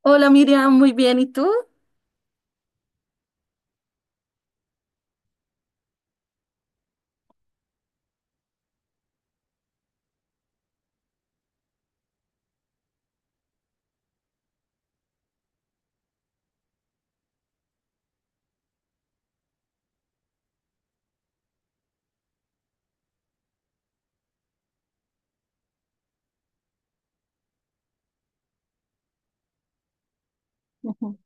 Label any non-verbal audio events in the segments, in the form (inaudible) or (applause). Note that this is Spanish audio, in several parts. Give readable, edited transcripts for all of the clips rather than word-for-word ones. Hola Miriam, muy bien. ¿Y tú? Ujú.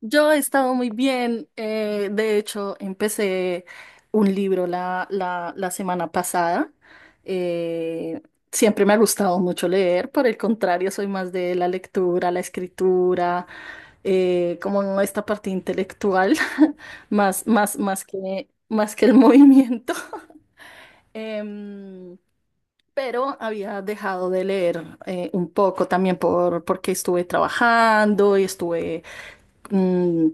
Yo he estado muy bien. De hecho, empecé un libro la semana pasada. eh, Siempre me ha gustado mucho leer. Por el contrario, soy más de la lectura, la escritura, como esta parte intelectual, (laughs) más que el movimiento. (laughs) Em, pero había dejado de leer un poco también porque estuve trabajando y estuve mm,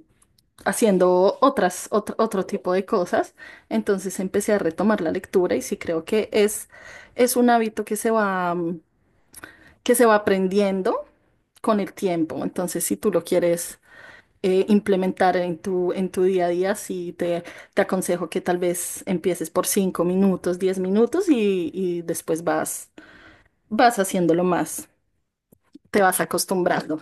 haciendo otro tipo de cosas. Entonces empecé a retomar la lectura y sí creo que es un hábito que se va, que se va aprendiendo con el tiempo. Entonces, si tú lo quieres... implementar en tu día a día, te aconsejo que tal vez empieces por 5 minutos, 10 minutos y después vas haciéndolo más, te vas acostumbrando.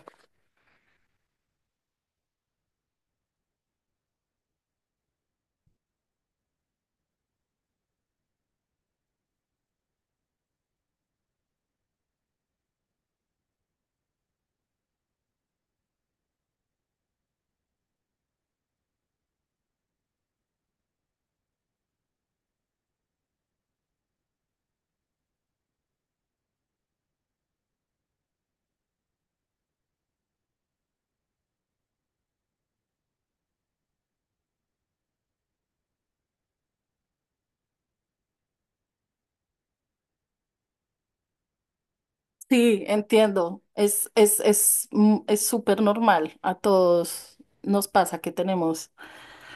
Sí, entiendo, es, es súper normal, a todos nos pasa que tenemos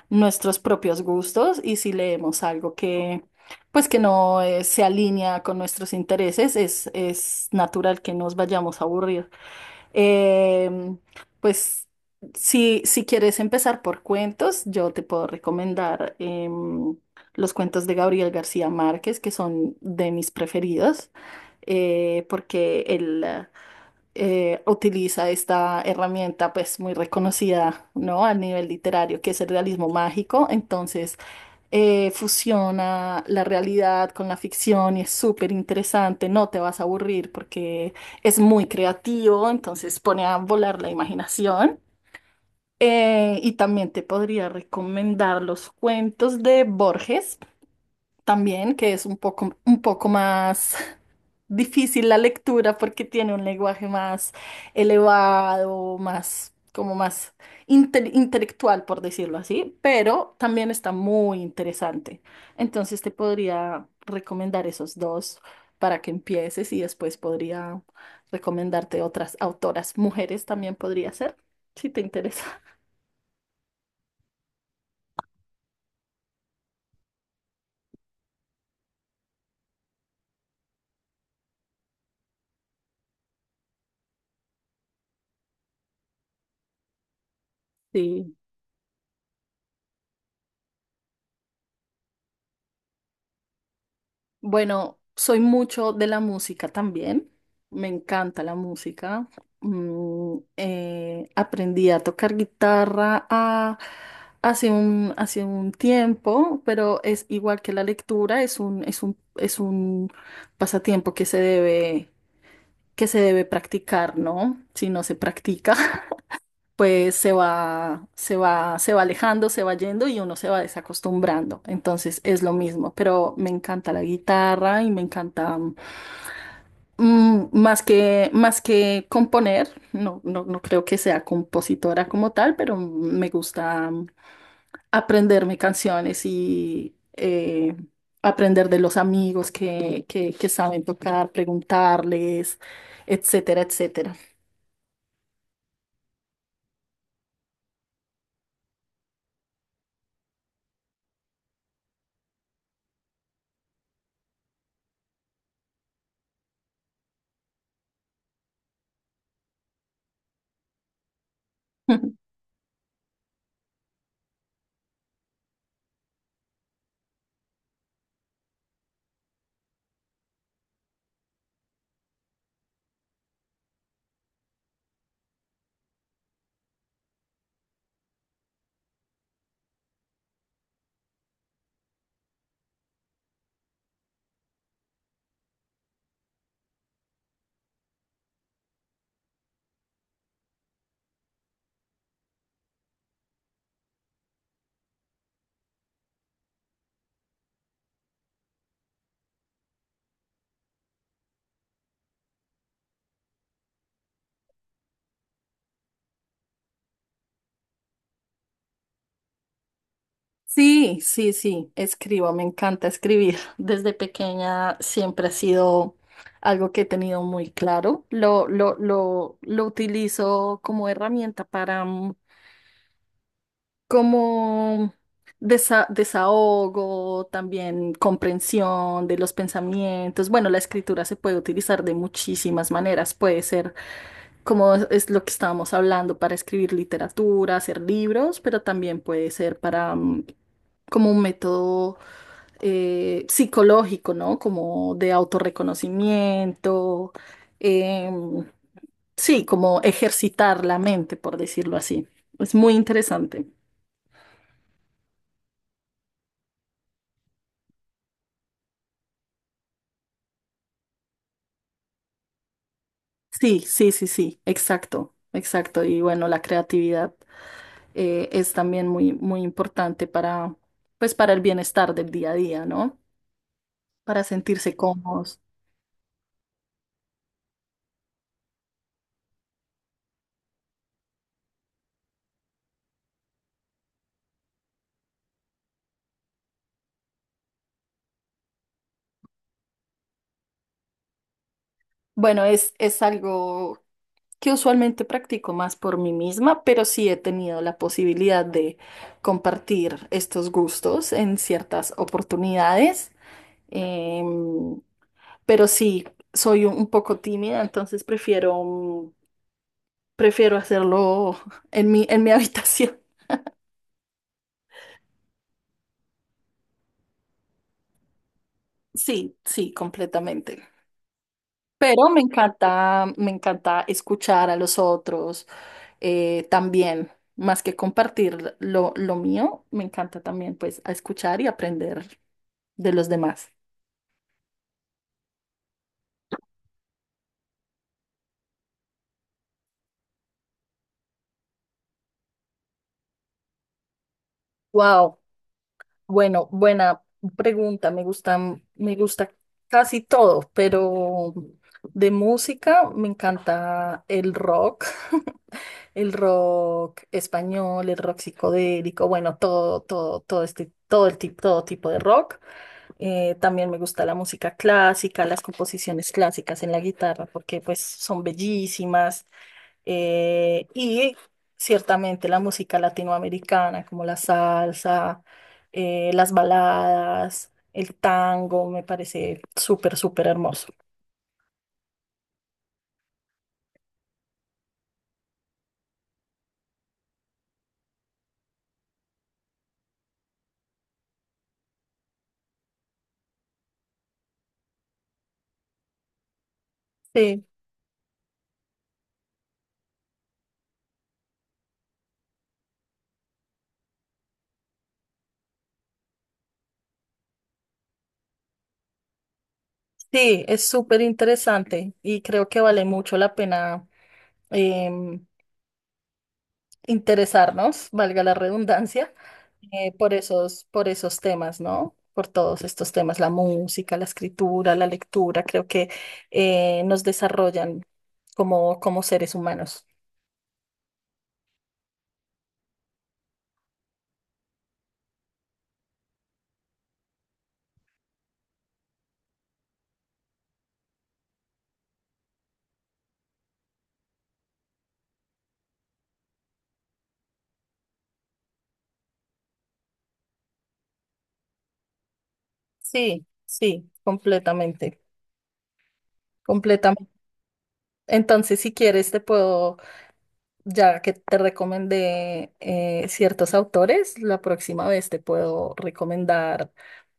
nuestros propios gustos y si leemos algo pues que no se alinea con nuestros intereses, es natural que nos vayamos a aburrir. Em, pues si quieres empezar por cuentos, yo te puedo recomendar los cuentos de Gabriel García Márquez, que son de mis preferidos, porque él utiliza esta herramienta pues muy reconocida, ¿no? A nivel literario, que es el realismo mágico. Entonces, fusiona la realidad con la ficción y es súper interesante, no te vas a aburrir porque es muy creativo, entonces pone a volar la imaginación. Y también te podría recomendar los cuentos de Borges, también, que es un poco más difícil la lectura porque tiene un lenguaje más elevado, más, como más intelectual, por decirlo así, pero también está muy interesante. Entonces te podría recomendar esos dos para que empieces y después podría recomendarte otras autoras. Mujeres también podría ser, si te interesa. (laughs) Sí. Bueno, soy mucho de la música también. Me encanta la música. Aprendí a tocar guitarra hace hace un tiempo, pero es igual que la lectura, es un pasatiempo que se debe practicar, ¿no? Si no se practica pues se va alejando, se va yendo y uno se va desacostumbrando. Entonces es lo mismo, pero me encanta la guitarra y me encanta más que componer, no creo que sea compositora como tal, pero me gusta aprenderme canciones y aprender de los amigos que saben tocar, preguntarles, etcétera, etcétera. (laughs) Sí, sí, sí, escribo, me encanta escribir. (laughs) Desde pequeña siempre ha sido algo que he tenido muy claro. Lo utilizo como herramienta para, como desahogo, también comprensión de los pensamientos. Bueno, la escritura se puede utilizar de muchísimas maneras. Puede ser como es lo que estábamos hablando para escribir literatura, hacer libros, pero también puede ser para como un método psicológico, ¿no? Como de autorreconocimiento. em, sí, como ejercitar la mente, por decirlo así. Es muy interesante. Sí, sí, sí, sí, exacto, exacto. Y bueno, la creatividad es también muy importante para, pues, para el bienestar del día a día, ¿no? Para sentirse cómodos. Bueno, es algo que usualmente practico más por mí misma, pero sí he tenido la posibilidad de compartir estos gustos en ciertas oportunidades. Em, pero sí, soy un poco tímida, entonces prefiero... prefiero hacerlo en mi (laughs) habitación. Sí, sí, completamente. Pero me encanta escuchar a los otros también, más que compartir lo mío, me encanta también pues a escuchar y aprender de los demás. Wow. Bueno, buena pregunta. Me gustan, me gusta casi todo, pero de música me encanta el rock, (laughs) el rock español, el rock psicodélico, bueno, todo, todo, todo este, todo el tipo, todo tipo de rock. También me gusta la música clásica, las composiciones clásicas en la guitarra, porque pues son bellísimas. Y ciertamente la música latinoamericana, como la salsa las baladas, el tango, me parece súper, súper hermoso. Sí, sí, es súper interesante y creo que vale mucho la pena em, interesarnos, valga la redundancia, por esos temas, ¿no? Por todos estos temas, la música, la escritura, la lectura, creo que nos desarrollan como, como seres humanos. Sí, sí, completamente, completamente. Entonces, si quieres, te puedo ya que te recomendé ciertos autores, la próxima vez te puedo recomendar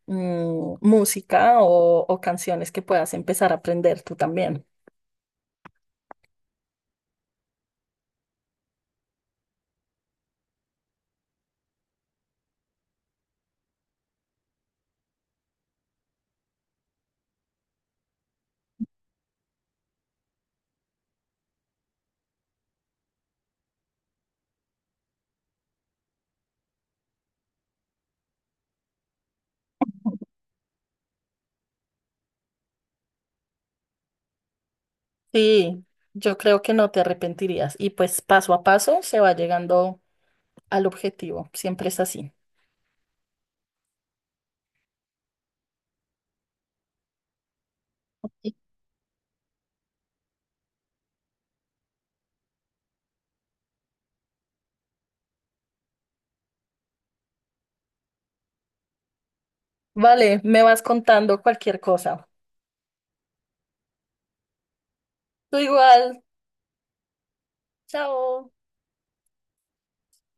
música o canciones que puedas empezar a aprender tú también. Sí, yo creo que no te arrepentirías y pues paso a paso se va llegando al objetivo, siempre es así. Vale, me vas contando cualquier cosa. Tú igual, chao.